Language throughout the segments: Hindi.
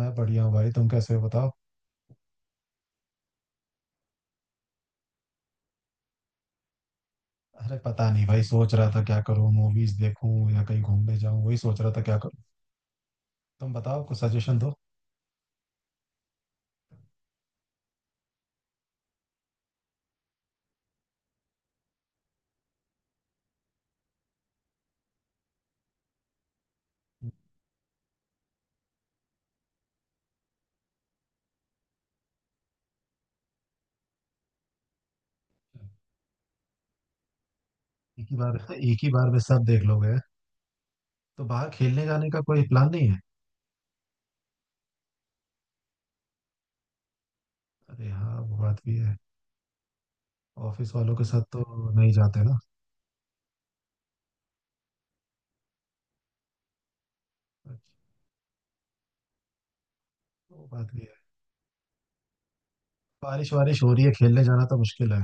मैं बढ़िया हूँ भाई। तुम कैसे हो बताओ। अरे पता नहीं भाई, सोच रहा था क्या करूँ, मूवीज देखूँ या कहीं घूमने जाऊँ, वही सोच रहा था क्या करूँ। तुम बताओ, कुछ सजेशन दो। एक ही बार में सब देख लोगे? तो बाहर खेलने जाने का कोई प्लान नहीं है? अरे हाँ, वो बात भी है। ऑफिस वालों के साथ तो नहीं जाते ना? अच्छा, वो बात भी है। बारिश वारिश हो रही है, खेलने जाना तो मुश्किल है।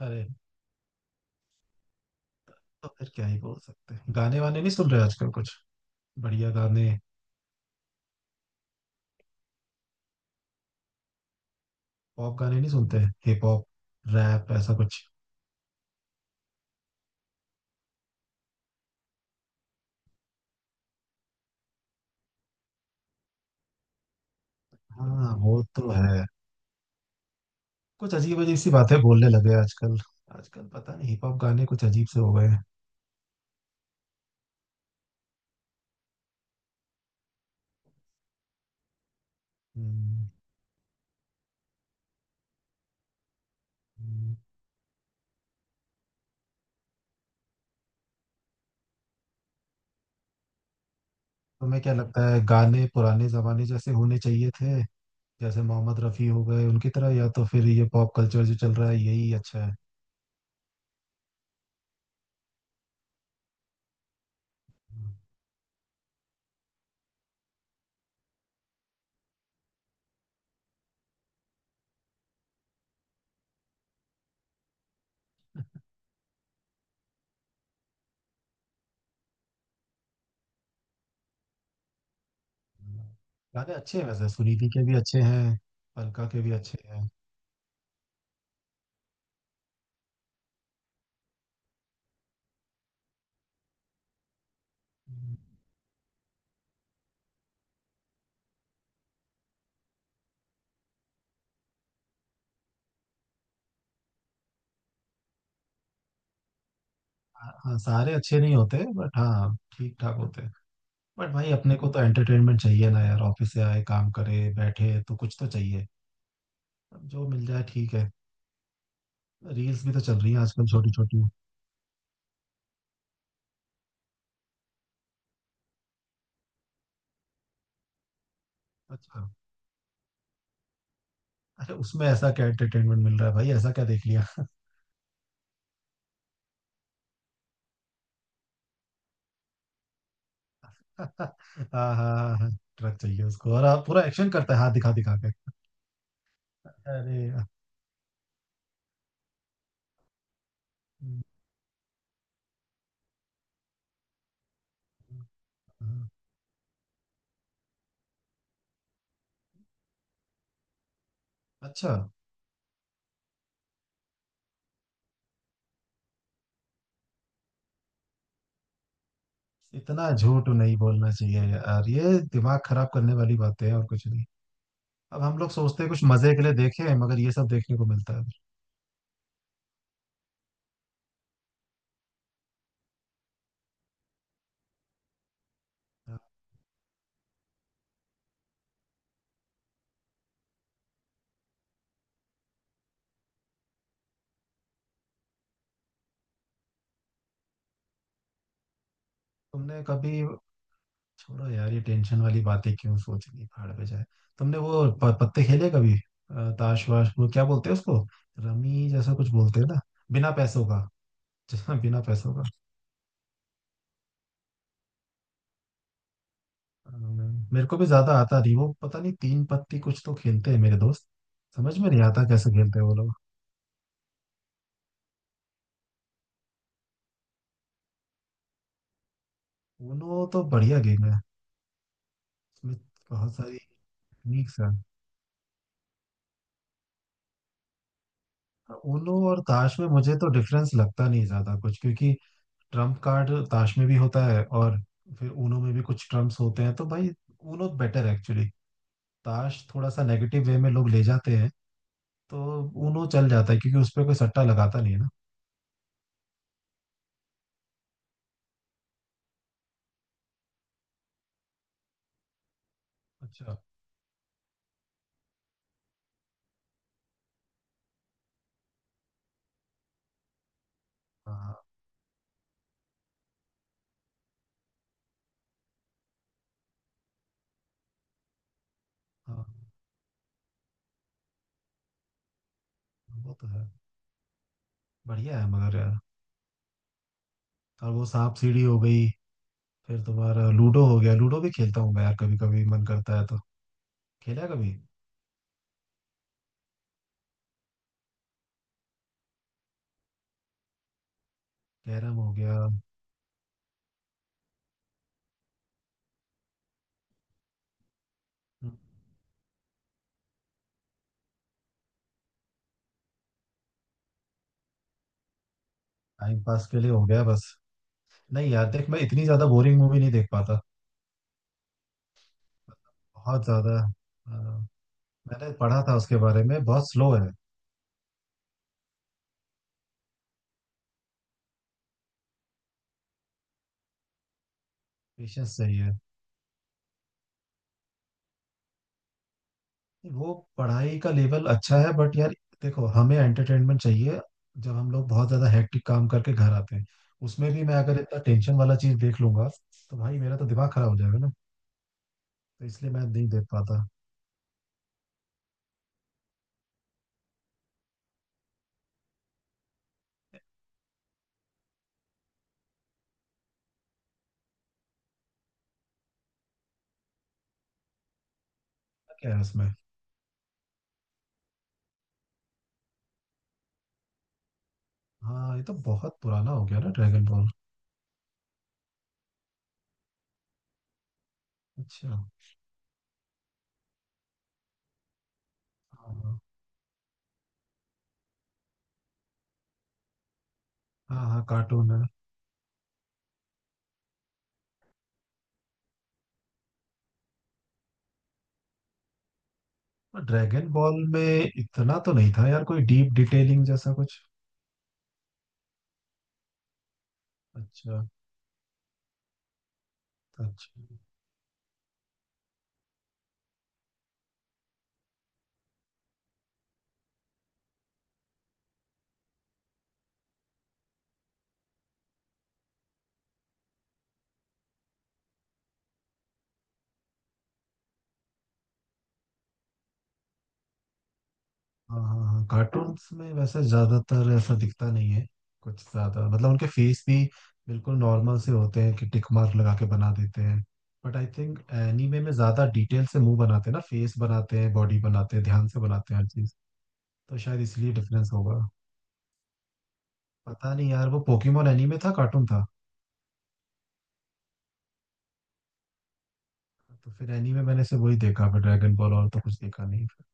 अरे। तो फिर क्या ही बोल सकते हैं। गाने वाने नहीं सुन रहे आजकल कुछ बढ़िया गाने? पॉप गाने नहीं सुनते? हिप हॉप, रैप ऐसा कुछ? हाँ वो तो है। कुछ अजीब अजीब सी बातें बोलने लगे आजकल। आजकल पता नहीं हिप हॉप गाने कुछ अजीब से हो गए हैं। हम्म। हम्म। तुम्हें क्या लगता है, गाने पुराने जमाने जैसे होने चाहिए थे, जैसे मोहम्मद रफी हो गए उनकी तरह, या तो फिर ये पॉप कल्चर जो चल रहा है यही अच्छा है? हम्म। गाने अच्छे हैं, वैसे सुनिधि के भी अच्छे हैं। अलका के भी अच्छे हैं। हम्म। हाँ हाँ, सारे अच्छे नहीं होते, बट हाँ ठीक ठाक होते हैं। बट भाई अपने को तो एंटरटेनमेंट चाहिए ना यार, ऑफिस से आए काम करे बैठे तो कुछ तो चाहिए। अब जो मिल जाए ठीक है। रील्स भी तो चल रही है आजकल, छोटी छोटी। अच्छा। अरे उसमें ऐसा क्या एंटरटेनमेंट मिल रहा है भाई, ऐसा क्या देख लिया? हाँ। हाँ, हाँ, हाँ, ट्रक चाहिए उसको, और आप पूरा एक्शन करता है, हाथ दिखा दिखा के। अरे। हम्म। अच्छा। इतना झूठ नहीं बोलना चाहिए यार ये, दिमाग खराब करने वाली बातें हैं और कुछ नहीं। अब हम लोग सोचते हैं कुछ मजे के लिए देखें, मगर ये सब देखने को मिलता है। हाँ। तुमने कभी छोड़ो यार, ये टेंशन वाली बातें क्यों सोचनी, पहाड़ पे जाए। तुमने वो पत्ते खेले कभी, ताश वाश, वो क्या बोलते हैं उसको? रमी जैसा कुछ बोलते हैं ना? बिना पैसों का। जैसा बिना पैसों का। मेरे को भी ज्यादा आता नहीं, वो पता नहीं तीन पत्ती कुछ तो खेलते हैं मेरे दोस्त। समझ में नहीं आता कैसे खेलते हैं वो लोग। उनो तो बढ़िया गेम है। उसमें बहुत सारी टेक्निक्स है। उनो और ताश में मुझे तो डिफरेंस लगता नहीं ज्यादा कुछ, क्योंकि ट्रम्प कार्ड ताश में भी होता है, और फिर ऊनो में भी कुछ ट्रम्प्स होते हैं, तो भाई ऊनो बेटर है एक्चुअली। ताश थोड़ा सा नेगेटिव वे में लोग ले जाते हैं, तो ऊनो चल जाता है, क्योंकि उस पर कोई सट्टा लगाता नहीं है ना। अच्छा। हाँ। हाँ वो तो है। बढ़िया है, मगर यार। और वो सांप सीढ़ी हो गई। फिर तुम्हारा लूडो हो गया। लूडो भी खेलता हूँ मैं यार, कभी कभी मन करता है तो। खेला है कभी? कैरम हो गया। टाइम पास के लिए हो गया बस। नहीं यार देख, मैं इतनी ज्यादा बोरिंग मूवी नहीं देख पाता। बहुत ज्यादा। मैंने पढ़ा था उसके बारे में, बहुत स्लो है। पेशेंस चाहिए। वो पढ़ाई का लेवल अच्छा है, बट यार देखो, हमें एंटरटेनमेंट चाहिए। जब हम लोग बहुत ज्यादा हेक्टिक काम करके घर आते हैं, उसमें भी मैं अगर इतना टेंशन वाला चीज देख लूंगा, तो भाई मेरा तो दिमाग खराब हो जाएगा ना। तो इसलिए मैं नहीं देख पाता। क्या है इसमें? हाँ, ये तो बहुत पुराना हो गया ना ड्रैगन बॉल। अच्छा। हाँ हाँ हाँ, कार्टून है। ड्रैगन बॉल में इतना तो नहीं था यार, कोई डीप डिटेलिंग जैसा कुछ। अच्छा। अच्छा। हाँ हाँ हाँ, कार्टून्स में वैसे ज्यादातर ऐसा दिखता नहीं है कुछ ज्यादा, मतलब उनके फेस भी बिल्कुल नॉर्मल से होते हैं, कि टिक मार्क लगा के बना देते हैं। बट आई थिंक एनीमे में ज्यादा डिटेल से मुंह बनाते हैं ना, फेस बनाते हैं, बॉडी बनाते हैं, ध्यान से बनाते हैं हर चीज। तो शायद इसलिए डिफरेंस होगा। पता नहीं यार, वो पोकेमोन एनीमे था कार्टून था। तो फिर एनीमे मैंने सिर्फ वही देखा, फिर ड्रैगन बॉल, और तो कुछ देखा नहीं फिर।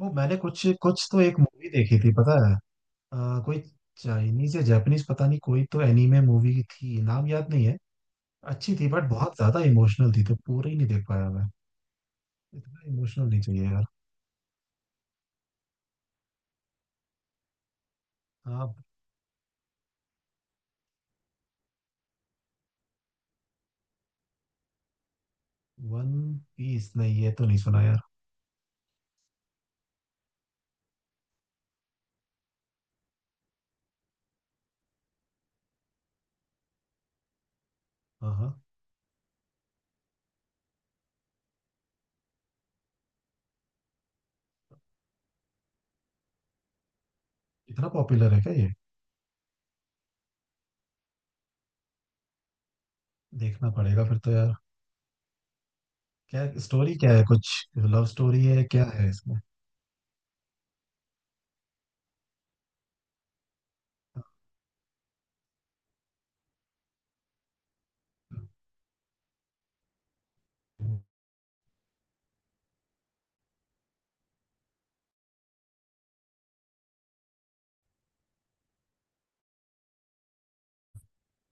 वो मैंने कुछ कुछ तो एक मूवी देखी थी पता है, अ, कोई चाइनीज या जापानीज पता नहीं, कोई तो एनीमे मूवी थी, नाम याद नहीं है। अच्छी थी, बट बहुत ज्यादा इमोशनल थी, तो पूरी नहीं देख पाया मैं। इतना इमोशनल नहीं चाहिए यार। हाँ। वन पीस नहीं, ये तो नहीं सुना यार। हाँ हाँ। इतना पॉपुलर है क्या ये? देखना पड़ेगा फिर तो यार। क्या स्टोरी, क्या है कुछ? लव स्टोरी है, क्या है इसमें?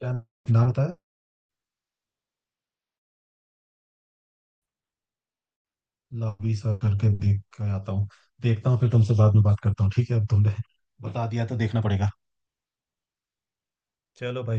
क्या नाम होता है? लवी सर करके देख के आता हूँ। देखता हूँ, फिर तुमसे बाद में बात करता हूँ, ठीक है, अब तुमने बता दिया तो देखना पड़ेगा। चलो भाई।